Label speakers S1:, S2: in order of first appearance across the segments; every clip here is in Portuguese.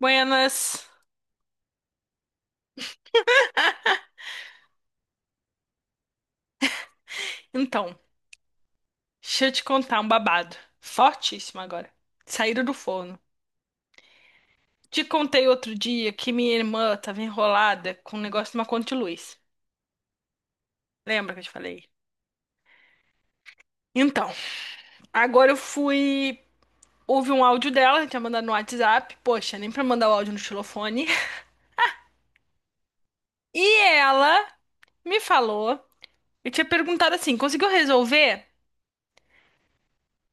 S1: Buenas. Então, deixa eu te contar um babado. Fortíssimo agora. Saíram do forno. Te contei outro dia que minha irmã tava enrolada com um negócio de uma conta de luz. Lembra que eu te falei? Então, agora eu fui. Houve um áudio dela, tinha mandado no WhatsApp. Poxa, nem pra mandar o áudio no xilofone. E ela me falou. Eu tinha perguntado assim: conseguiu resolver?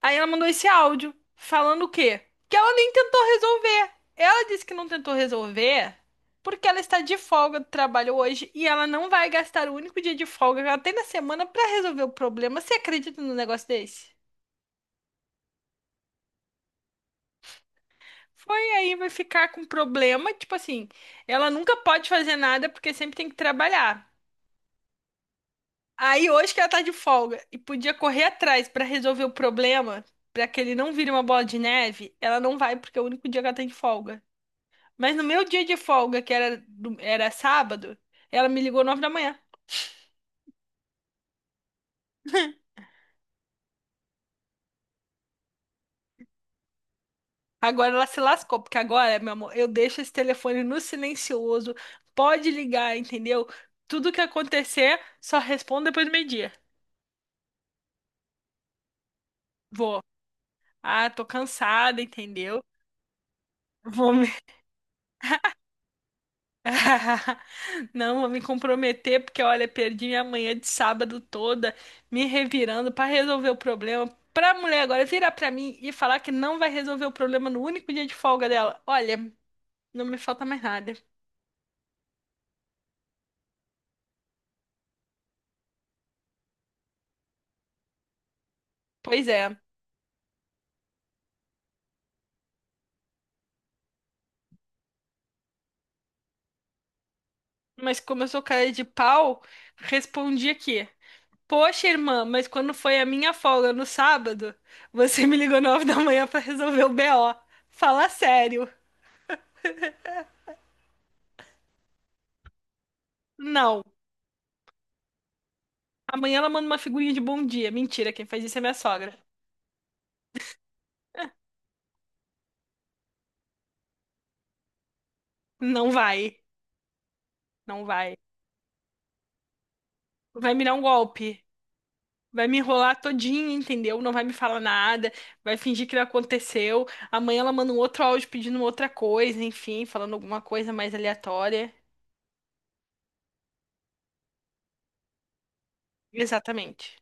S1: Aí ela mandou esse áudio falando o quê? Que ela nem tentou resolver. Ela disse que não tentou resolver porque ela está de folga do trabalho hoje e ela não vai gastar o único dia de folga que ela tem na semana para resolver o problema. Você acredita num negócio desse? Foi aí, vai ficar com problema. Tipo assim, ela nunca pode fazer nada porque sempre tem que trabalhar. Aí hoje que ela tá de folga e podia correr atrás para resolver o problema, para que ele não vire uma bola de neve, ela não vai porque é o único dia que ela tem de folga. Mas no meu dia de folga, que era, era sábado, ela me ligou 9 da manhã. Agora ela se lascou, porque agora, meu amor, eu deixo esse telefone no silencioso. Pode ligar, entendeu? Tudo que acontecer, só respondo depois do meio-dia. Vou. Ah, tô cansada, entendeu? Vou. Não, vou me comprometer porque, olha, perdi minha manhã de sábado toda me revirando pra resolver o problema. Pra mulher agora virar pra mim e falar que não vai resolver o problema no único dia de folga dela. Olha, não me falta mais nada. Pois é, mas como eu sou cara de pau, respondi aqui. Poxa, irmã, mas quando foi a minha folga no sábado, você me ligou 9 da manhã pra resolver o BO. Fala sério. Não. Amanhã ela manda uma figurinha de bom dia. Mentira, quem faz isso é minha sogra. Não vai, não vai. Vai me dar um golpe. Vai me enrolar todinha, entendeu? Não vai me falar nada, vai fingir que não aconteceu. Amanhã ela manda um outro áudio pedindo outra coisa, enfim, falando alguma coisa mais aleatória. Exatamente,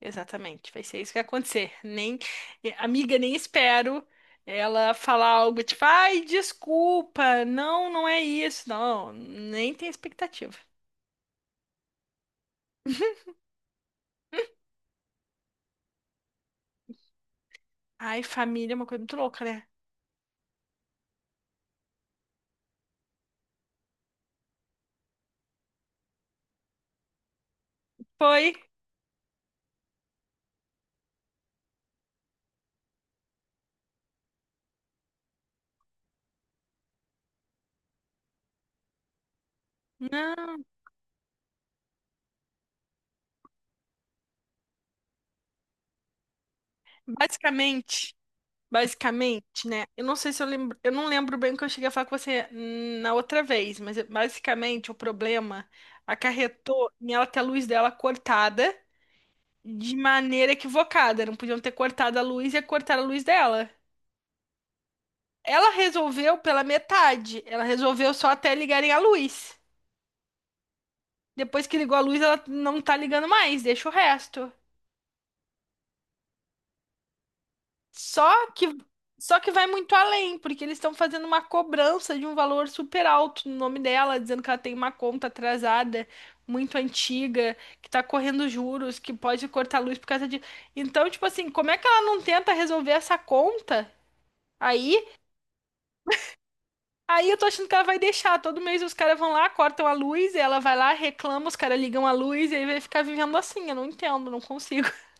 S1: exatamente. Vai ser isso que vai acontecer. Nem, amiga, nem espero ela falar algo tipo, ai, desculpa, não, não é isso. Não, nem tem expectativa. Ai, família é uma coisa muito louca, né? Foi. Não, basicamente. Basicamente, né? Eu não sei se eu lembro, eu não lembro bem o que eu cheguei a falar com você na outra vez, mas basicamente o problema acarretou em ela ter a luz dela cortada de maneira equivocada. Não podiam ter cortado a luz e cortar a luz dela. Ela resolveu pela metade. Ela resolveu só até ligarem a luz. Depois que ligou a luz, ela não tá ligando mais, deixa o resto. Só que só que vai muito além, porque eles estão fazendo uma cobrança de um valor super alto no nome dela, dizendo que ela tem uma conta atrasada, muito antiga, que tá correndo juros, que pode cortar a luz por causa de. Então, tipo assim, como é que ela não tenta resolver essa conta? Aí, aí eu tô achando que ela vai deixar. Todo mês os caras vão lá, cortam a luz, e ela vai lá, reclama, os caras ligam a luz, e aí vai ficar vivendo assim. Eu não entendo, não consigo.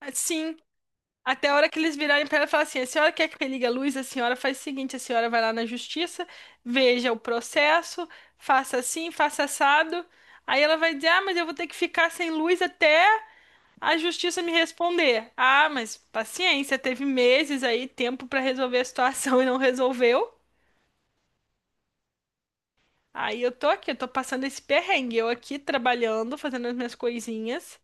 S1: Assim, até a hora que eles virarem pra ela e falar assim: a senhora quer que religue a luz? A senhora faz o seguinte: a senhora vai lá na justiça, veja o processo, faça assim, faça assado. Aí ela vai dizer: ah, mas eu vou ter que ficar sem luz até a justiça me responder. Ah, mas paciência, teve meses aí, tempo pra resolver a situação e não resolveu. Aí eu tô aqui, eu tô passando esse perrengue, eu aqui trabalhando, fazendo as minhas coisinhas.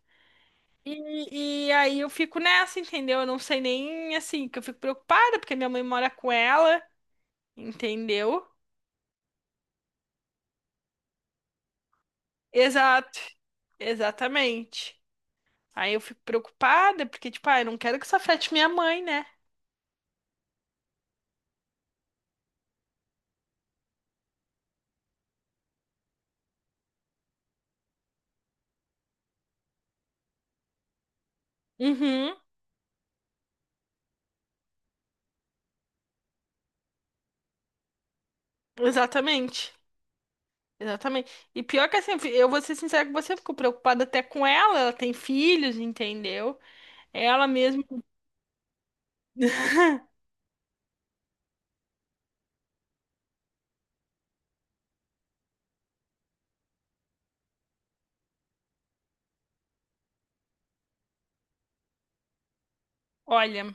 S1: E aí eu fico nessa, entendeu? Eu não sei nem assim, que eu fico preocupada, porque minha mãe mora com ela. Entendeu? Exato, exatamente. Aí eu fico preocupada porque, tipo, ah, eu não quero que isso afete minha mãe, né? Uhum, exatamente. Exatamente. E pior que assim, eu vou ser sincera com você, eu fico preocupada até com ela, ela tem filhos, entendeu? Ela mesma, olha,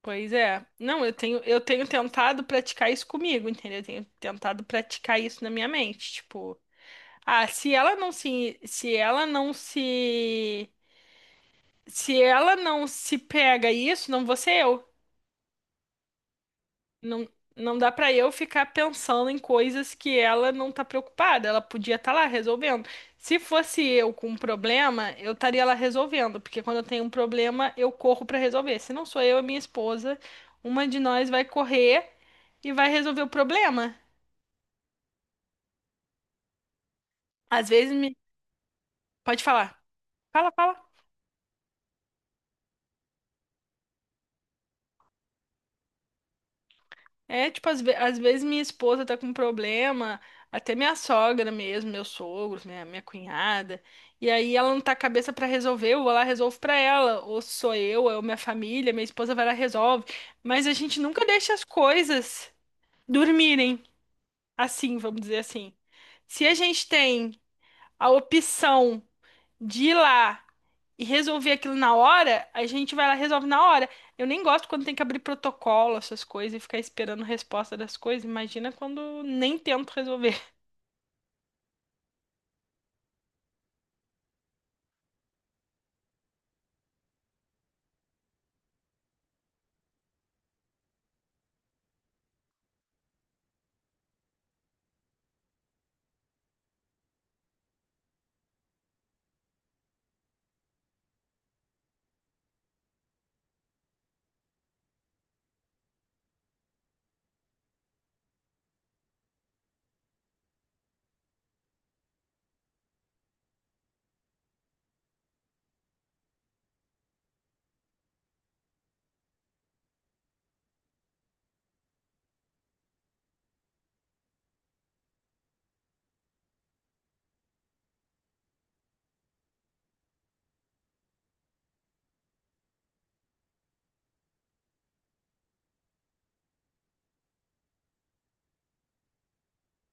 S1: pois é. Não, eu tenho tentado praticar isso comigo, entendeu? Eu tenho tentado praticar isso na minha mente, tipo, ah, se ela não se pega isso, não vou ser eu. Não, não dá pra eu ficar pensando em coisas que ela não tá preocupada. Ela podia estar lá resolvendo. Se fosse eu com um problema, eu estaria lá resolvendo, porque quando eu tenho um problema, eu corro pra resolver. Se não sou eu, é minha esposa, uma de nós vai correr e vai resolver o problema. Às vezes me... Pode falar. Fala, fala. É, tipo, às vezes minha esposa tá com problema, até minha sogra mesmo, meus sogros, minha cunhada, e aí ela não tá com a cabeça pra resolver, eu vou lá, resolvo pra ela, ou sou eu, ou minha família, minha esposa vai lá, e resolve. Mas a gente nunca deixa as coisas dormirem assim, vamos dizer assim. Se a gente tem a opção de ir lá e resolver aquilo na hora, a gente vai lá e resolve na hora. Eu nem gosto quando tem que abrir protocolo, essas coisas, e ficar esperando resposta das coisas. Imagina quando nem tento resolver.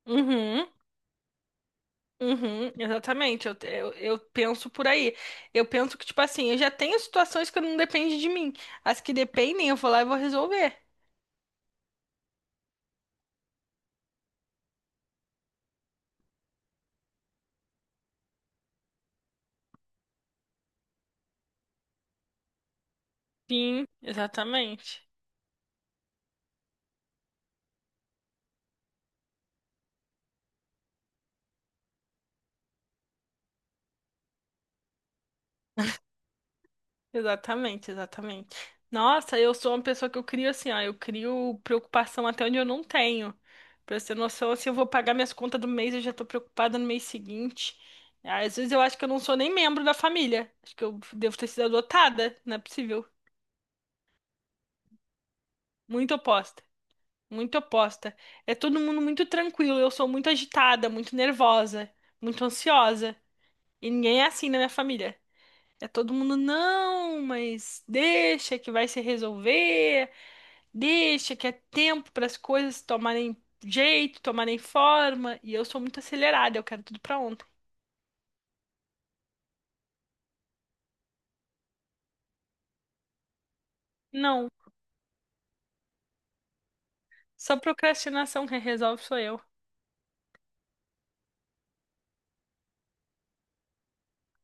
S1: Uhum. Uhum, exatamente, eu penso por aí. Eu penso que, tipo assim, eu já tenho situações que não dependem de mim. As que dependem, eu vou lá e vou resolver. Sim, exatamente. Exatamente, exatamente. Nossa, eu sou uma pessoa que eu crio assim, ó, eu crio preocupação até onde eu não tenho. Pra você ter noção, assim, eu vou pagar minhas contas do mês, eu já tô preocupada no mês seguinte. Às vezes eu acho que eu não sou nem membro da família. Acho que eu devo ter sido adotada, não é possível. Muito oposta, muito oposta. É todo mundo muito tranquilo, eu sou muito agitada, muito nervosa, muito ansiosa. E ninguém é assim na minha família. É todo mundo, não, mas deixa que vai se resolver. Deixa que é tempo para as coisas tomarem jeito, tomarem forma, e eu sou muito acelerada, eu quero tudo pra ontem. Não, só procrastinação quem resolve sou eu.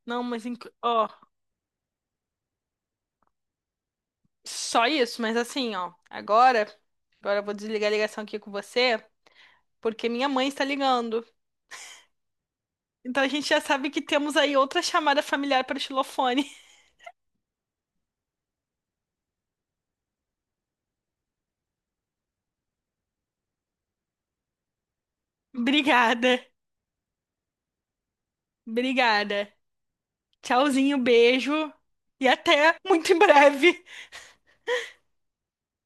S1: Não, mas ó, só isso, mas assim, ó, agora, agora eu vou desligar a ligação aqui com você, porque minha mãe está ligando. Então a gente já sabe que temos aí outra chamada familiar para o xilofone. Obrigada. Obrigada. Tchauzinho, beijo e até muito em breve.